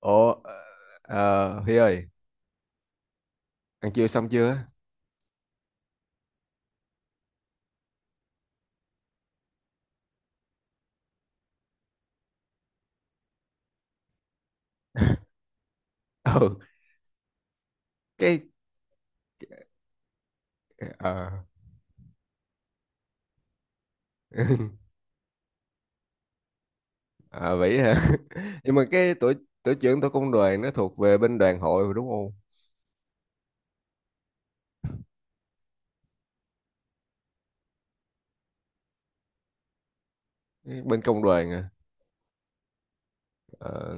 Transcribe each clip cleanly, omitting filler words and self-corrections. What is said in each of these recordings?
Ủa, Huy ơi, ăn trưa xong chưa? Ừ, cái, ờ, à, vậy hả? Nhưng mà tổ trưởng tổ công đoàn nó thuộc về bên đoàn hội rồi đúng không? Cái Bên công đoàn à? Ờ,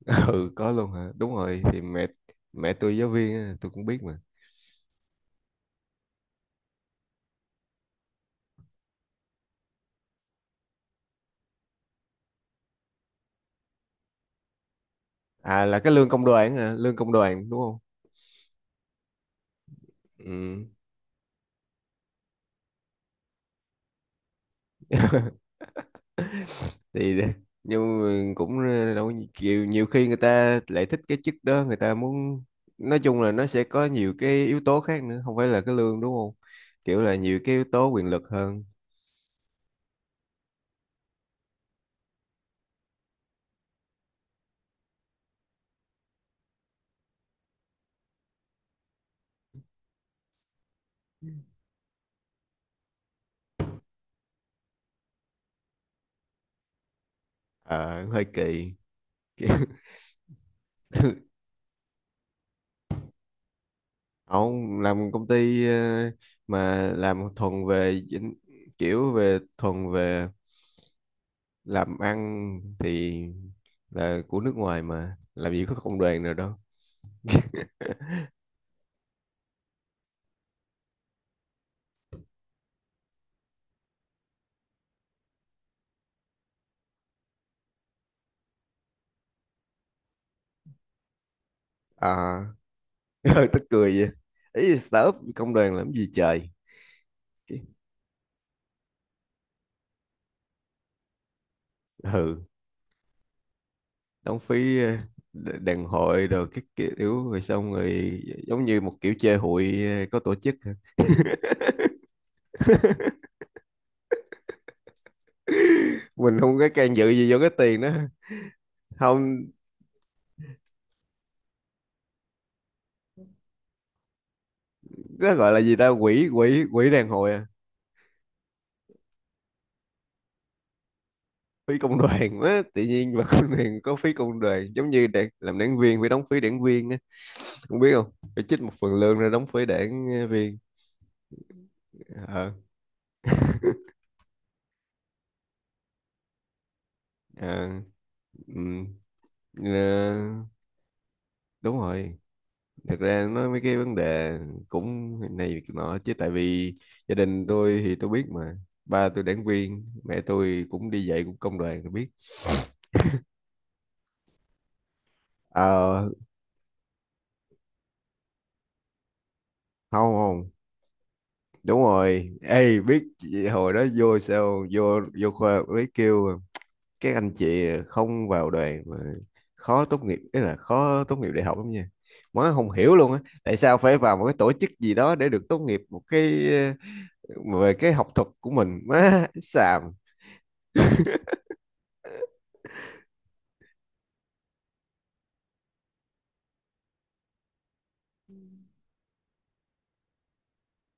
ừ, có luôn hả? Đúng rồi, thì mẹ mẹ tôi giáo viên, á, tôi cũng biết mà. À, là cái lương công đoàn hả? Lương công đoàn đúng không? Ừ. Thì nhưng mà cũng đâu có nhiều, nhiều khi người ta lại thích cái chức đó, người ta muốn nói chung là nó sẽ có nhiều cái yếu tố khác nữa, không phải là cái lương đúng không, kiểu là nhiều cái yếu tố quyền lực hơn. Ờ, hơi kỳ. Kiểu- Không làm công ty mà làm kiểu về thuần về làm ăn thì là của nước ngoài, mà làm gì có công đoàn nào đâu. À, ừ, tức cười vậy. Ý là startup công đoàn làm gì trời. Cái- ừ, đóng phí, đàn hội rồi các kiểu rồi xong rồi giống như một kiểu chơi hụi, có tổ chức. Mình không có can dự gì vô cái tiền đó, không. Nó gọi là gì ta, quỹ quỹ quỹ đàn hội à, phí công đoàn á. Tự nhiên mà công đoàn có phí công đoàn giống như đảng, làm đảng viên phải đóng phí đảng viên á. Không biết không phải trích một phần lương ra đóng phí đảng viên. ờ ờ, ừ. Ờ, đúng rồi. Thật ra nói mấy cái vấn đề cũng này việc nọ chứ tại vì gia đình tôi thì tôi biết mà, ba tôi đảng viên, mẹ tôi cũng đi dạy cũng công đoàn, tôi biết. Ờ, không không. Đúng rồi, ê biết hồi đó vô sao vô vô khoa mới kêu các anh chị không vào đoàn mà khó tốt nghiệp, ý là khó tốt nghiệp đại học lắm nha. Má không hiểu luôn á, tại sao phải vào một cái tổ chức gì đó để được tốt nghiệp một cái về cái học thuật của mình, má xàm.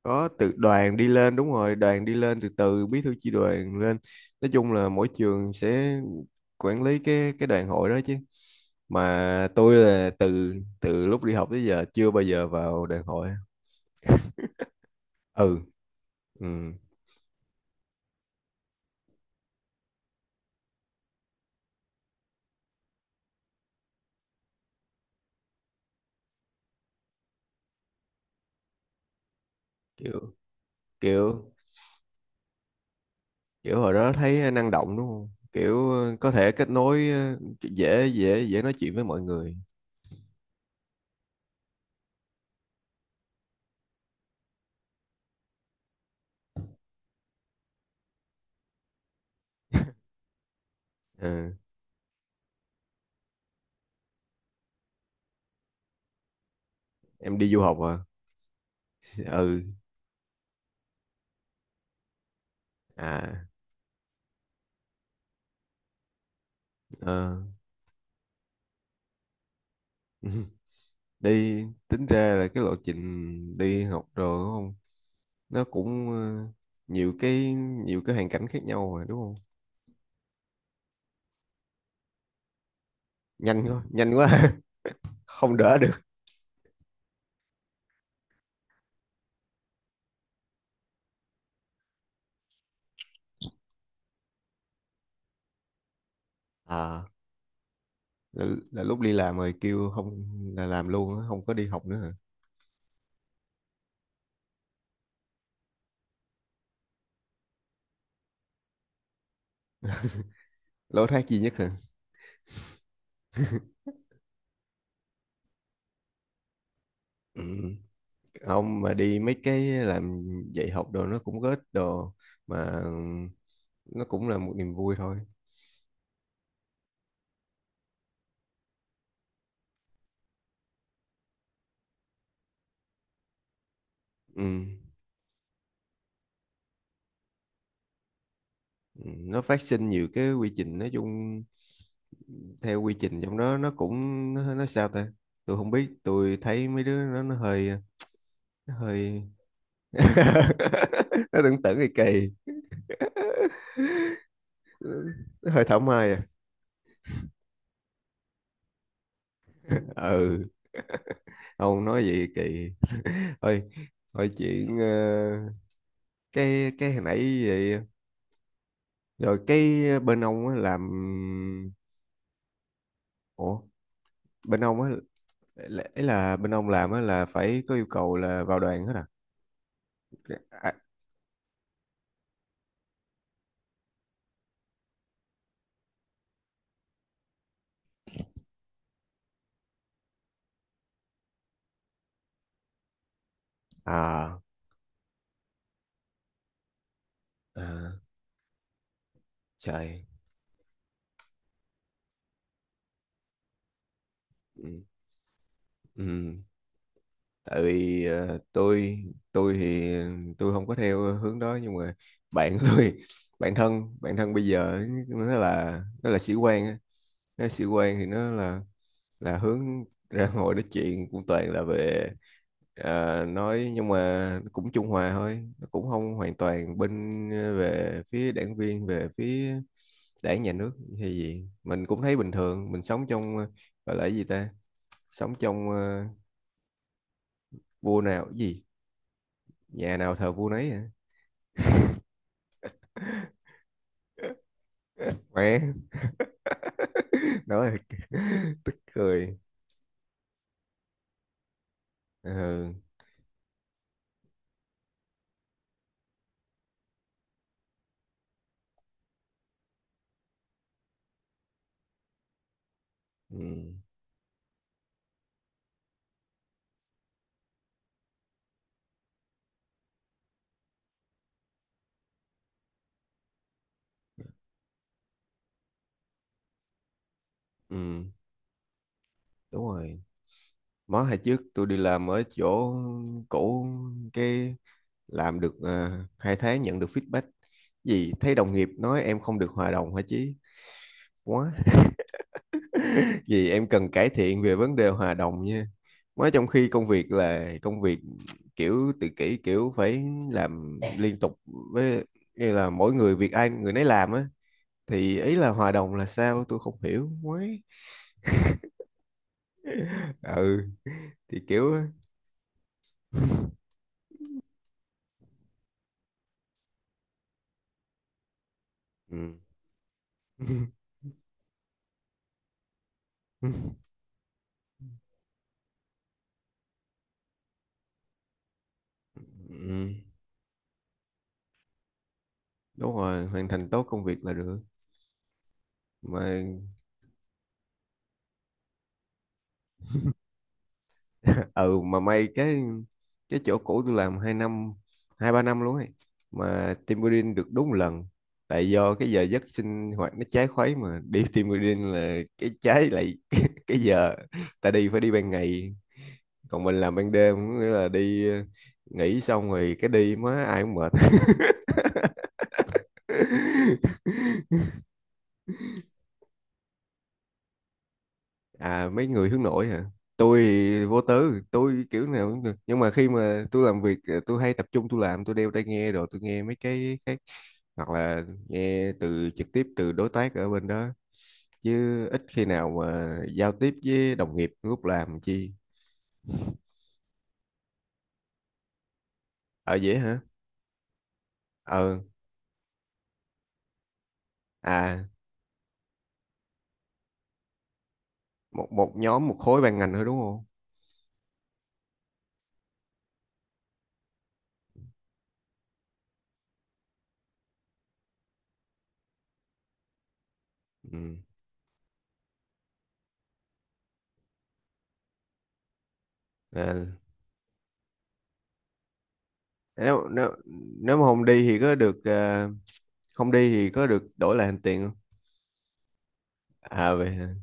Có từ đoàn đi lên, đúng rồi, đoàn đi lên từ từ bí thư chi đoàn lên. Nói chung là mỗi trường sẽ quản lý cái đoàn hội đó chứ. Mà tôi là từ từ lúc đi học tới giờ chưa bao giờ vào đoàn hội. Ừ. Ừ, kiểu kiểu kiểu hồi đó thấy năng động đúng không, kiểu có thể kết nối, ờ, dễ dễ dễ nói chuyện với mọi người. Ờ, em đi du học à? Ừ. À. ờ Đi tính ra là cái lộ trình đi học rồi đúng không. Nó cũng nhiều cái, nhiều cái hoàn cảnh khác nhau mà, đúng không? Nhanh quá, nhanh quá. Không đỡ được. À, là, là lúc đi làm rồi kêu không, là làm luôn á, không có đi học nữa hả? Lối thoát duy nhất hả? Ừ. Không, mà đi mấy cái làm dạy học đồ nó cũng có ích đồ mà, ừ, nó cũng là một niềm vui thôi. Ừ. Ừ, nó phát sinh nhiều cái quy trình, nói chung theo quy trình trong đó nó cũng nó sao ta, tôi không biết. Tôi thấy mấy đứa nó hơi, nó hơi nó tưởng tưởng kỳ kỳ, nó hơi thảo mai à. Ừ, không nói vậy kỳ. Thôi, thôi chuyện cái hồi nãy vậy. Rồi cái bên ông á làm, ủa, bên ông á ấy là bên ông làm á là phải có yêu cầu là vào đoàn hết à? À, à à, trời. Ừ. Ừ, tại vì tôi thì tôi không có theo hướng đó, nhưng mà bạn của tôi bạn thân, bạn thân bây giờ ấy, nó là sĩ quan á. Nó là sĩ quan thì nó là hướng ra. Ngồi nói chuyện cũng toàn là về nói, nhưng mà cũng trung hòa thôi, nó cũng không hoàn toàn bên về phía đảng viên, về phía đảng nhà nước hay gì. Mình cũng thấy bình thường, mình sống trong gọi là cái gì ta, sống trong vua nào cái gì, nhà nào thờ vua nấy hả? Mẹ, nói là- tức cười. ừ, ừ, ừ, đúng rồi. Mới hồi trước tôi đi làm ở chỗ cũ, cái làm được à, hai tháng nhận được feedback gì thấy đồng nghiệp nói em không được hòa đồng, hả chí quá. Vì em cần cải thiện về vấn đề hòa đồng nha, mới trong khi công việc là công việc, kiểu tự kỷ kiểu phải làm liên tục. Với như là mỗi người việc ai người nấy làm á, thì ý là hòa đồng là sao, tôi không hiểu mới. Ừ, thì kiểu. Ừ. Ừ, đúng rồi, hoàn thành tốt công việc là được mà. Ừ, mà may cái chỗ cũ tôi làm hai năm, hai ba năm luôn ấy, mà team building được đúng một lần. Tại do cái giờ giấc sinh hoạt nó trái khuấy mà đi team building là cái trái lại cái giờ ta đi phải đi ban ngày, còn mình làm ban đêm, có nghĩa là đi nghỉ xong rồi cái đi, má ai cũng mệt. À, mấy người hướng nội hả. Tôi thì vô tư, tôi kiểu nào cũng được, nhưng mà khi mà tôi làm việc tôi hay tập trung, tôi làm tôi đeo tai nghe rồi tôi nghe mấy cái khác, hoặc là nghe từ trực tiếp từ đối tác ở bên đó, chứ ít khi nào mà giao tiếp với đồng nghiệp lúc làm chi. Ở dễ hả? Ờ. À, một một nhóm một khối ban ngành thôi đúng không. Ừ. À, nếu nếu nếu mà không đi thì có được không đi thì có được đổi lại hành tiền không? À vậy hả.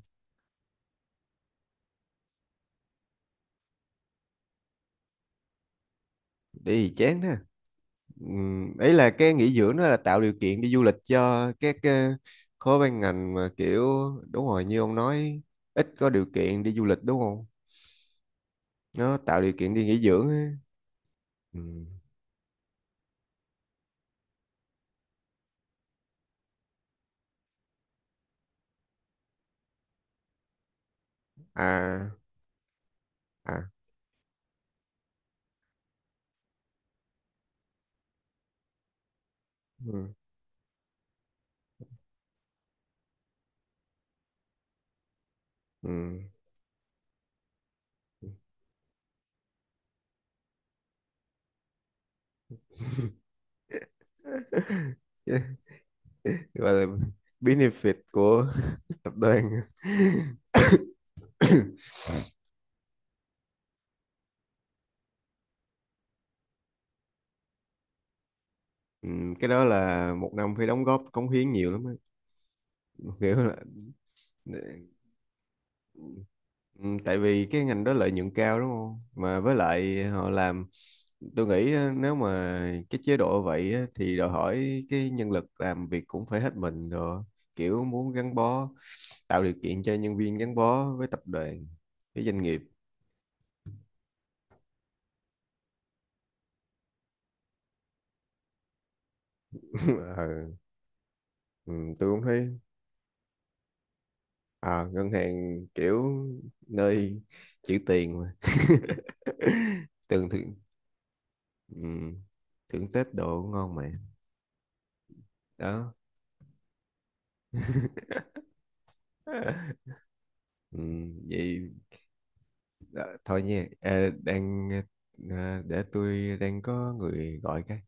Đi thì chán đó. Ừ. Ấy là cái nghỉ dưỡng đó là tạo điều kiện đi du lịch cho các khối ban ngành mà kiểu đúng rồi như ông nói, ít có điều kiện đi du lịch đúng không, nó tạo điều kiện đi nghỉ dưỡng á. Ừ. À. À. Ừ. Ừ. Gọi là benefit của tập đoàn. Ừ. Cái đó là một năm phải đóng góp cống hiến nhiều lắm á, kiểu là. Ừ. Tại vì cái ngành đó lợi nhuận cao đúng không, mà với lại họ làm. Tôi nghĩ á, nếu mà cái chế độ vậy á, thì đòi hỏi cái nhân lực làm việc cũng phải hết mình rồi, kiểu muốn gắn bó, tạo điều kiện cho nhân viên gắn bó với tập đoàn, với doanh nghiệp. Ờ, ừ, tôi cũng thấy. À, ngân hàng kiểu nơi chữ tiền mà. Thường thường, ừ, thưởng Tết đồ ngon mà, đó. Ừ, vậy đó, thôi nha. Ờ, đang để tôi đang có người gọi cái